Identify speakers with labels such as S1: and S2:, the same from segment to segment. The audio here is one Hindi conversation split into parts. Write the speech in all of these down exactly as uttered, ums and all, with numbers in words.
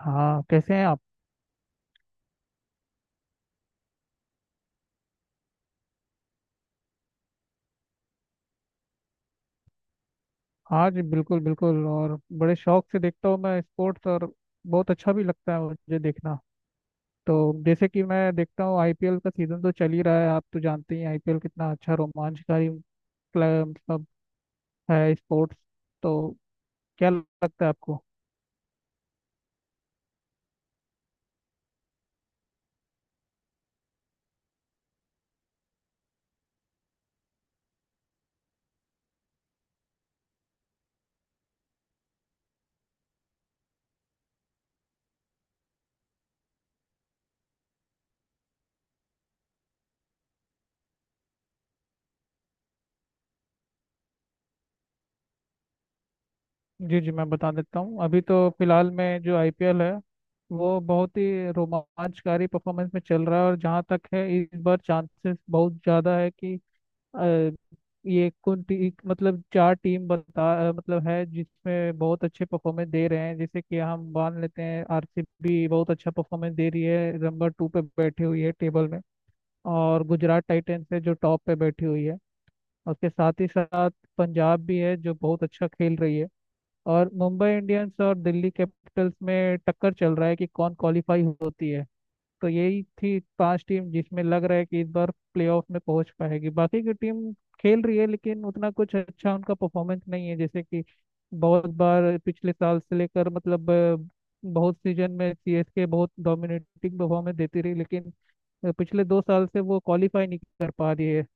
S1: हाँ, कैसे हैं आप? आज बिल्कुल बिल्कुल, और बड़े शौक से देखता हूँ मैं स्पोर्ट्स, और बहुत अच्छा भी लगता है मुझे देखना। तो जैसे कि मैं देखता हूँ, आईपीएल का सीजन तो चल ही रहा है, आप तो जानते ही हैं आईपीएल कितना अच्छा रोमांचकारी प्ले- मतलब है स्पोर्ट्स। तो क्या लगता है आपको? जी जी, मैं बता देता हूँ। अभी तो फिलहाल में जो आईपीएल है वो बहुत ही रोमांचकारी परफॉर्मेंस में चल रहा है, और जहाँ तक है इस बार चांसेस बहुत ज़्यादा है कि अ, ये कुंती मतलब चार टीम बता मतलब है जिसमें बहुत अच्छे परफॉर्मेंस दे रहे हैं। जैसे कि हम मान लेते हैं, आरसीबी बहुत अच्छा परफॉर्मेंस दे रही है, नंबर टू पे बैठी हुई है टेबल में। और गुजरात टाइटंस है जो टॉप पे बैठी हुई है। उसके साथ ही साथ पंजाब भी है जो बहुत अच्छा खेल रही है। और मुंबई इंडियंस और दिल्ली कैपिटल्स में टक्कर चल रहा है कि कौन क्वालिफाई होती है। तो यही थी पांच टीम जिसमें लग रहा है कि इस बार प्लेऑफ में पहुंच पाएगी। बाकी की टीम खेल रही है लेकिन उतना कुछ अच्छा उनका परफॉर्मेंस नहीं है। जैसे कि बहुत बार पिछले साल से लेकर मतलब अ, बहुत सीजन में सीएसके बहुत डोमिनेटिंग परफॉर्मेंस देती रही, लेकिन अ, पिछले दो साल से वो क्वालिफाई नहीं कर पा रही है।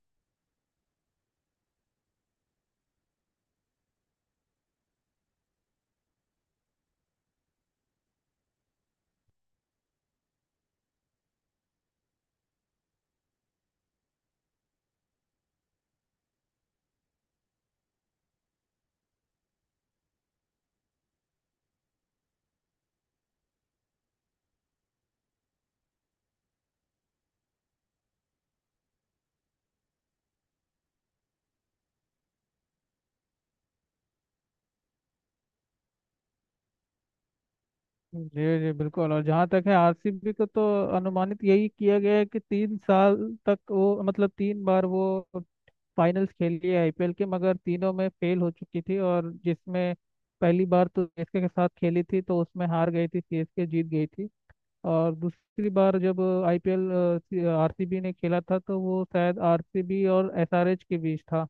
S1: जी जी बिल्कुल। और जहाँ तक है आरसीबी को, तो अनुमानित यही किया गया है कि तीन साल तक वो मतलब तीन बार वो फाइनल्स खेली है आईपीएल के, मगर तीनों में फेल हो चुकी थी। और जिसमें पहली बार तो सीएसके के साथ खेली थी, तो उसमें हार गई थी, सीएसके जीत गई थी। और दूसरी बार जब आईपीएल आरसीबी ने खेला था तो वो शायद आरसीबी और एसआरएच के बीच था,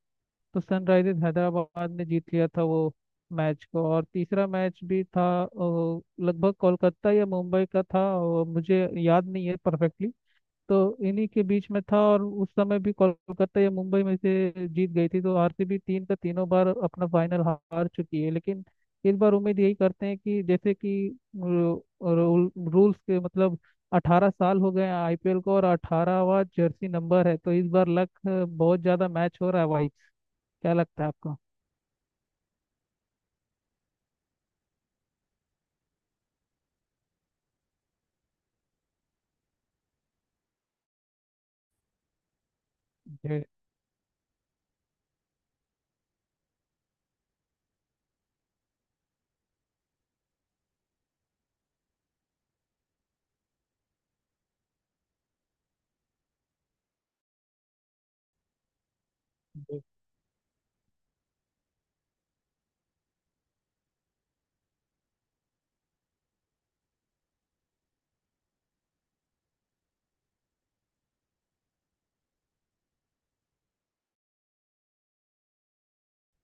S1: तो सनराइजर्स हैदराबाद ने जीत लिया था वो मैच को। और तीसरा मैच भी था अ, लगभग कोलकाता या मुंबई का था, और मुझे याद नहीं है परफेक्टली, तो इन्हीं के बीच में था। और उस समय भी कोलकाता या मुंबई में से जीत गई थी, तो आरसीबी तीन का तीनों बार अपना फाइनल हार चुकी है। लेकिन इस बार उम्मीद यही करते हैं कि जैसे कि रूल्स के मतलब अठारह साल हो गए हैं आईपीएल को, और अठारहवां जर्सी नंबर है, तो इस बार लक बहुत ज्यादा मैच हो रहा है भाई। क्या लगता है आपको? जी जी।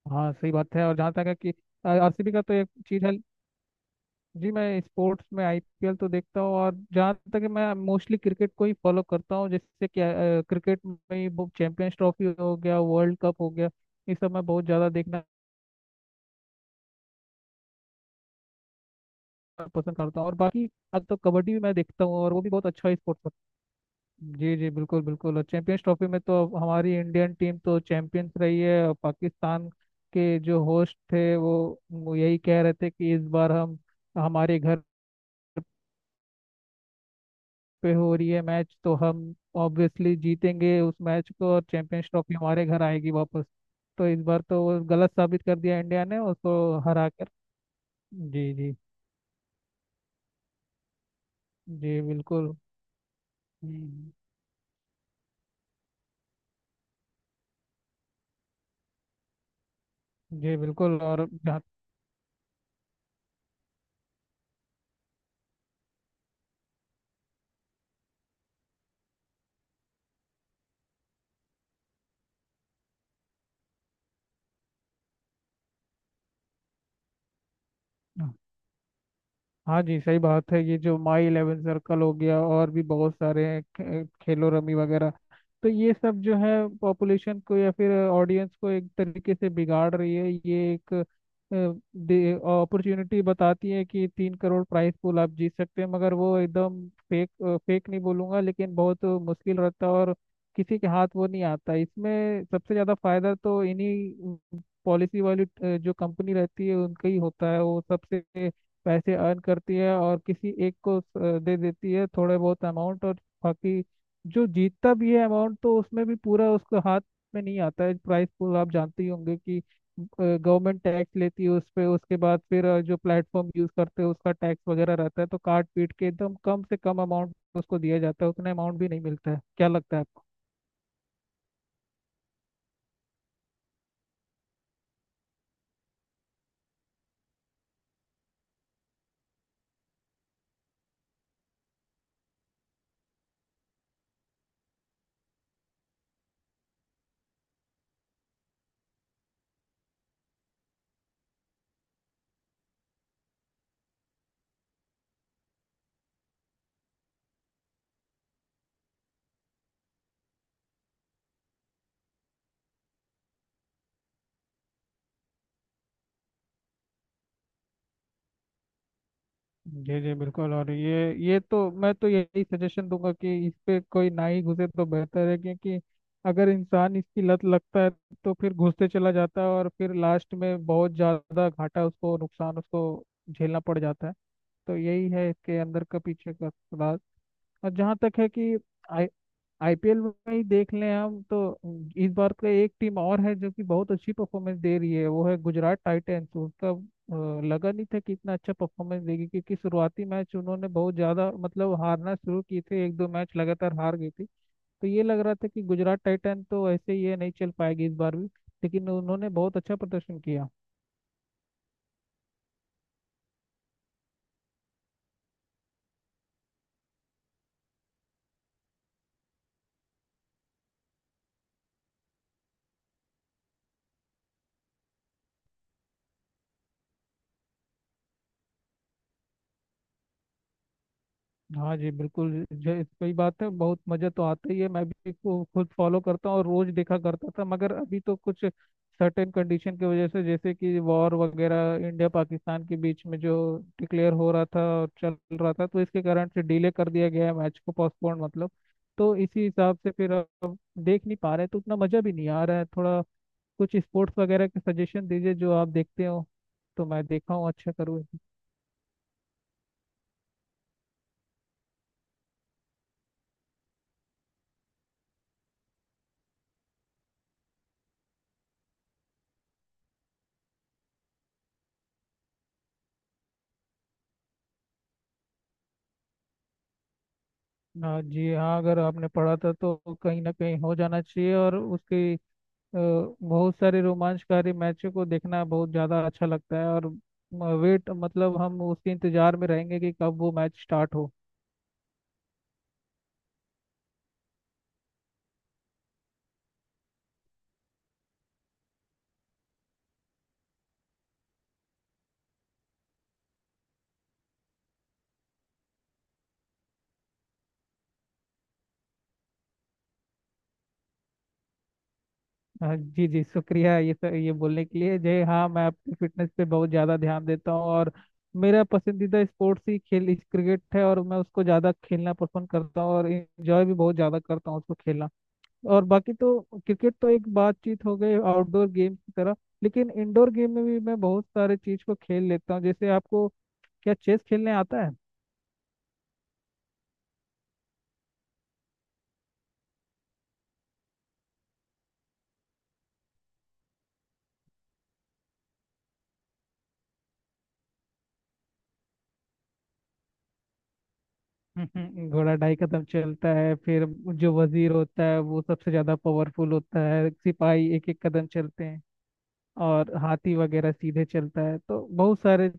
S1: हाँ सही बात है। और जहाँ तक है कि आरसीबी का, तो एक चीज है जी, मैं स्पोर्ट्स में आईपीएल तो देखता हूँ, और जहाँ तक है मैं मोस्टली क्रिकेट को ही फॉलो करता हूँ। जैसे कि अ, क्रिकेट में ही वो चैंपियंस ट्रॉफी हो गया, वर्ल्ड कप हो गया, ये सब मैं बहुत ज़्यादा देखना पसंद करता हूँ। और बाकी अब तो कबड्डी भी मैं देखता हूँ, और वो भी बहुत अच्छा स्पोर्ट्स। जी जी बिल्कुल बिल्कुल। और चैंपियंस ट्रॉफी में तो अब हमारी इंडियन टीम तो चैंपियंस रही है। और पाकिस्तान के जो होस्ट थे वो, वो यही कह रहे थे कि इस बार हम, हमारे घर पे हो रही है मैच तो हम ऑब्वियसली जीतेंगे उस मैच को, और चैंपियंस ट्रॉफी हमारे घर आएगी वापस। तो इस बार तो वो गलत साबित कर दिया इंडिया ने उसको हरा कर। जी जी। जी बिल्कुल। हम्म, जी बिल्कुल। और जहाँ- हाँ जी सही बात है। ये जो माई इलेवन सर्कल हो गया, और भी बहुत सारे हैं, खे- खेलो रमी वगैरह, तो ये सब जो है पॉपुलेशन को या फिर ऑडियंस को एक तरीके से बिगाड़ रही है। ये एक अपॉर्चुनिटी बताती है कि तीन करोड़ प्राइस पूल आप जीत सकते हैं, मगर वो एकदम फेक, फेक नहीं बोलूंगा लेकिन बहुत मुश्किल रहता है। और किसी के हाथ वो नहीं आता। इसमें सबसे ज़्यादा फायदा तो इन्हीं पॉलिसी वाली अ, जो कंपनी रहती है उनका ही होता है। वो सबसे पैसे अर्न करती है, और किसी एक को अ, दे देती है थोड़े बहुत अमाउंट। और बाकी जो जीतता भी है अमाउंट, तो उसमें भी पूरा उसका हाथ में नहीं आता है। प्राइस पूल आप जानते ही होंगे कि गवर्नमेंट टैक्स लेती है उस पे, उसके बाद फिर अ, जो प्लेटफॉर्म यूज करते हैं उसका टैक्स वगैरह रहता है, तो काट पीट के एकदम कम से कम अमाउंट उसको दिया जाता है, उतना अमाउंट भी नहीं मिलता है। क्या लगता है आपको? जी जी बिल्कुल। और ये ये तो मैं तो यही सजेशन दूंगा कि इस पे कोई ना ही घुसे तो बेहतर है, क्योंकि अगर इंसान इसकी लत लगता है तो फिर घुसते चला जाता है, और फिर लास्ट में बहुत ज़्यादा घाटा उसको, नुकसान उसको झेलना पड़ जाता है। तो यही है इसके अंदर का, पीछे का राज। और जहाँ तक है कि आईपीएल में ही देख लें हम, तो इस बार का एक टीम और है जो कि बहुत अच्छी परफॉर्मेंस दे रही है, वो है गुजरात टाइटंस। उसका अ, लगा नहीं था कि इतना अच्छा परफॉर्मेंस देगी, क्योंकि शुरुआती मैच उन्होंने बहुत ज़्यादा मतलब हारना शुरू किए थे, एक दो मैच लगातार हार गई थी। तो ये लग रहा था कि गुजरात टाइटन तो ऐसे ही है, नहीं चल पाएगी इस बार भी, लेकिन उन्होंने बहुत अच्छा प्रदर्शन किया। हाँ जी बिल्कुल जो सही बात है, बहुत मज़ा तो आता ही है। मैं भी को खुद फॉलो करता हूँ, और रोज देखा करता था, मगर अभी तो कुछ सर्टेन कंडीशन की वजह से, जैसे कि वॉर वगैरह इंडिया पाकिस्तान के बीच में जो डिक्लेयर हो रहा था और चल रहा था, तो इसके कारण से डिले कर दिया गया है मैच को, पोस्टपोन मतलब। तो इसी हिसाब से फिर अब देख नहीं पा रहे, तो उतना मज़ा भी नहीं आ रहा है थोड़ा। कुछ स्पोर्ट्स वगैरह के सजेशन दीजिए जो आप देखते हो, तो मैं देखा हूँ, अच्छा करूँ। हाँ जी हाँ, अगर आपने पढ़ा था तो कहीं ना कहीं हो जाना चाहिए। और उसकी अ, बहुत सारे रोमांचकारी मैचों को देखना बहुत ज़्यादा अच्छा लगता है, और वेट मतलब हम उसके इंतजार में रहेंगे कि कब वो मैच स्टार्ट हो। हाँ जी जी, शुक्रिया ये सब ये बोलने के लिए जय। हाँ, मैं अपनी फिटनेस पे बहुत ज़्यादा ध्यान देता हूँ, और मेरा पसंदीदा स्पोर्ट्स ही खेल क्रिकेट है, और मैं उसको ज़्यादा खेलना पसंद करता हूँ, और इंजॉय भी बहुत ज़्यादा करता हूँ उसको खेलना। और बाकी तो क्रिकेट तो एक बातचीत हो गई आउटडोर गेम की तरह, लेकिन इंडोर गेम में भी मैं बहुत सारे चीज को खेल लेता हूँ। जैसे आपको क्या चेस खेलने आता है? हम्म, घोड़ा ढाई कदम चलता है, फिर जो वजीर होता है वो सबसे ज्यादा पावरफुल होता है, सिपाही एक एक कदम चलते हैं, और हाथी वगैरह सीधे चलता है। तो बहुत सारे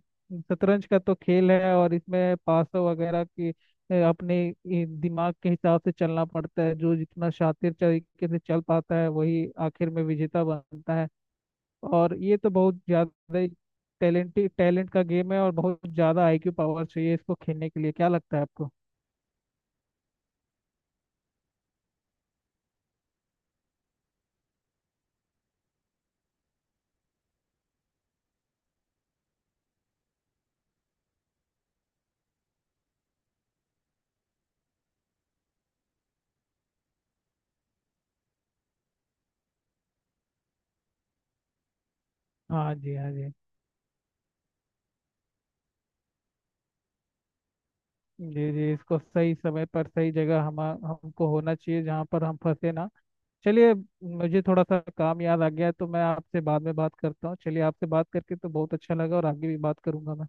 S1: शतरंज का तो खेल है, और इसमें पासों वगैरह की अ, अपने ये दिमाग के हिसाब से चलना पड़ता है। जो जितना शातिर तरीके से चल पाता है वही आखिर में विजेता बनता है। और ये तो बहुत ज्यादा ही टैलेंटेड, टैलेंट का गेम है, और बहुत ज्यादा आईक्यू पावर चाहिए इसको खेलने के लिए। क्या लगता है आपको? हाँ जी हाँ जी। जी जी, इसको सही समय पर सही जगह हम हमको होना चाहिए, जहाँ पर हम फंसे ना। चलिए, मुझे थोड़ा सा काम याद आ गया है, तो मैं आपसे बाद में बात करता हूँ। चलिए, आपसे बात करके तो बहुत अच्छा लगा, और आगे भी बात करूंगा मैं।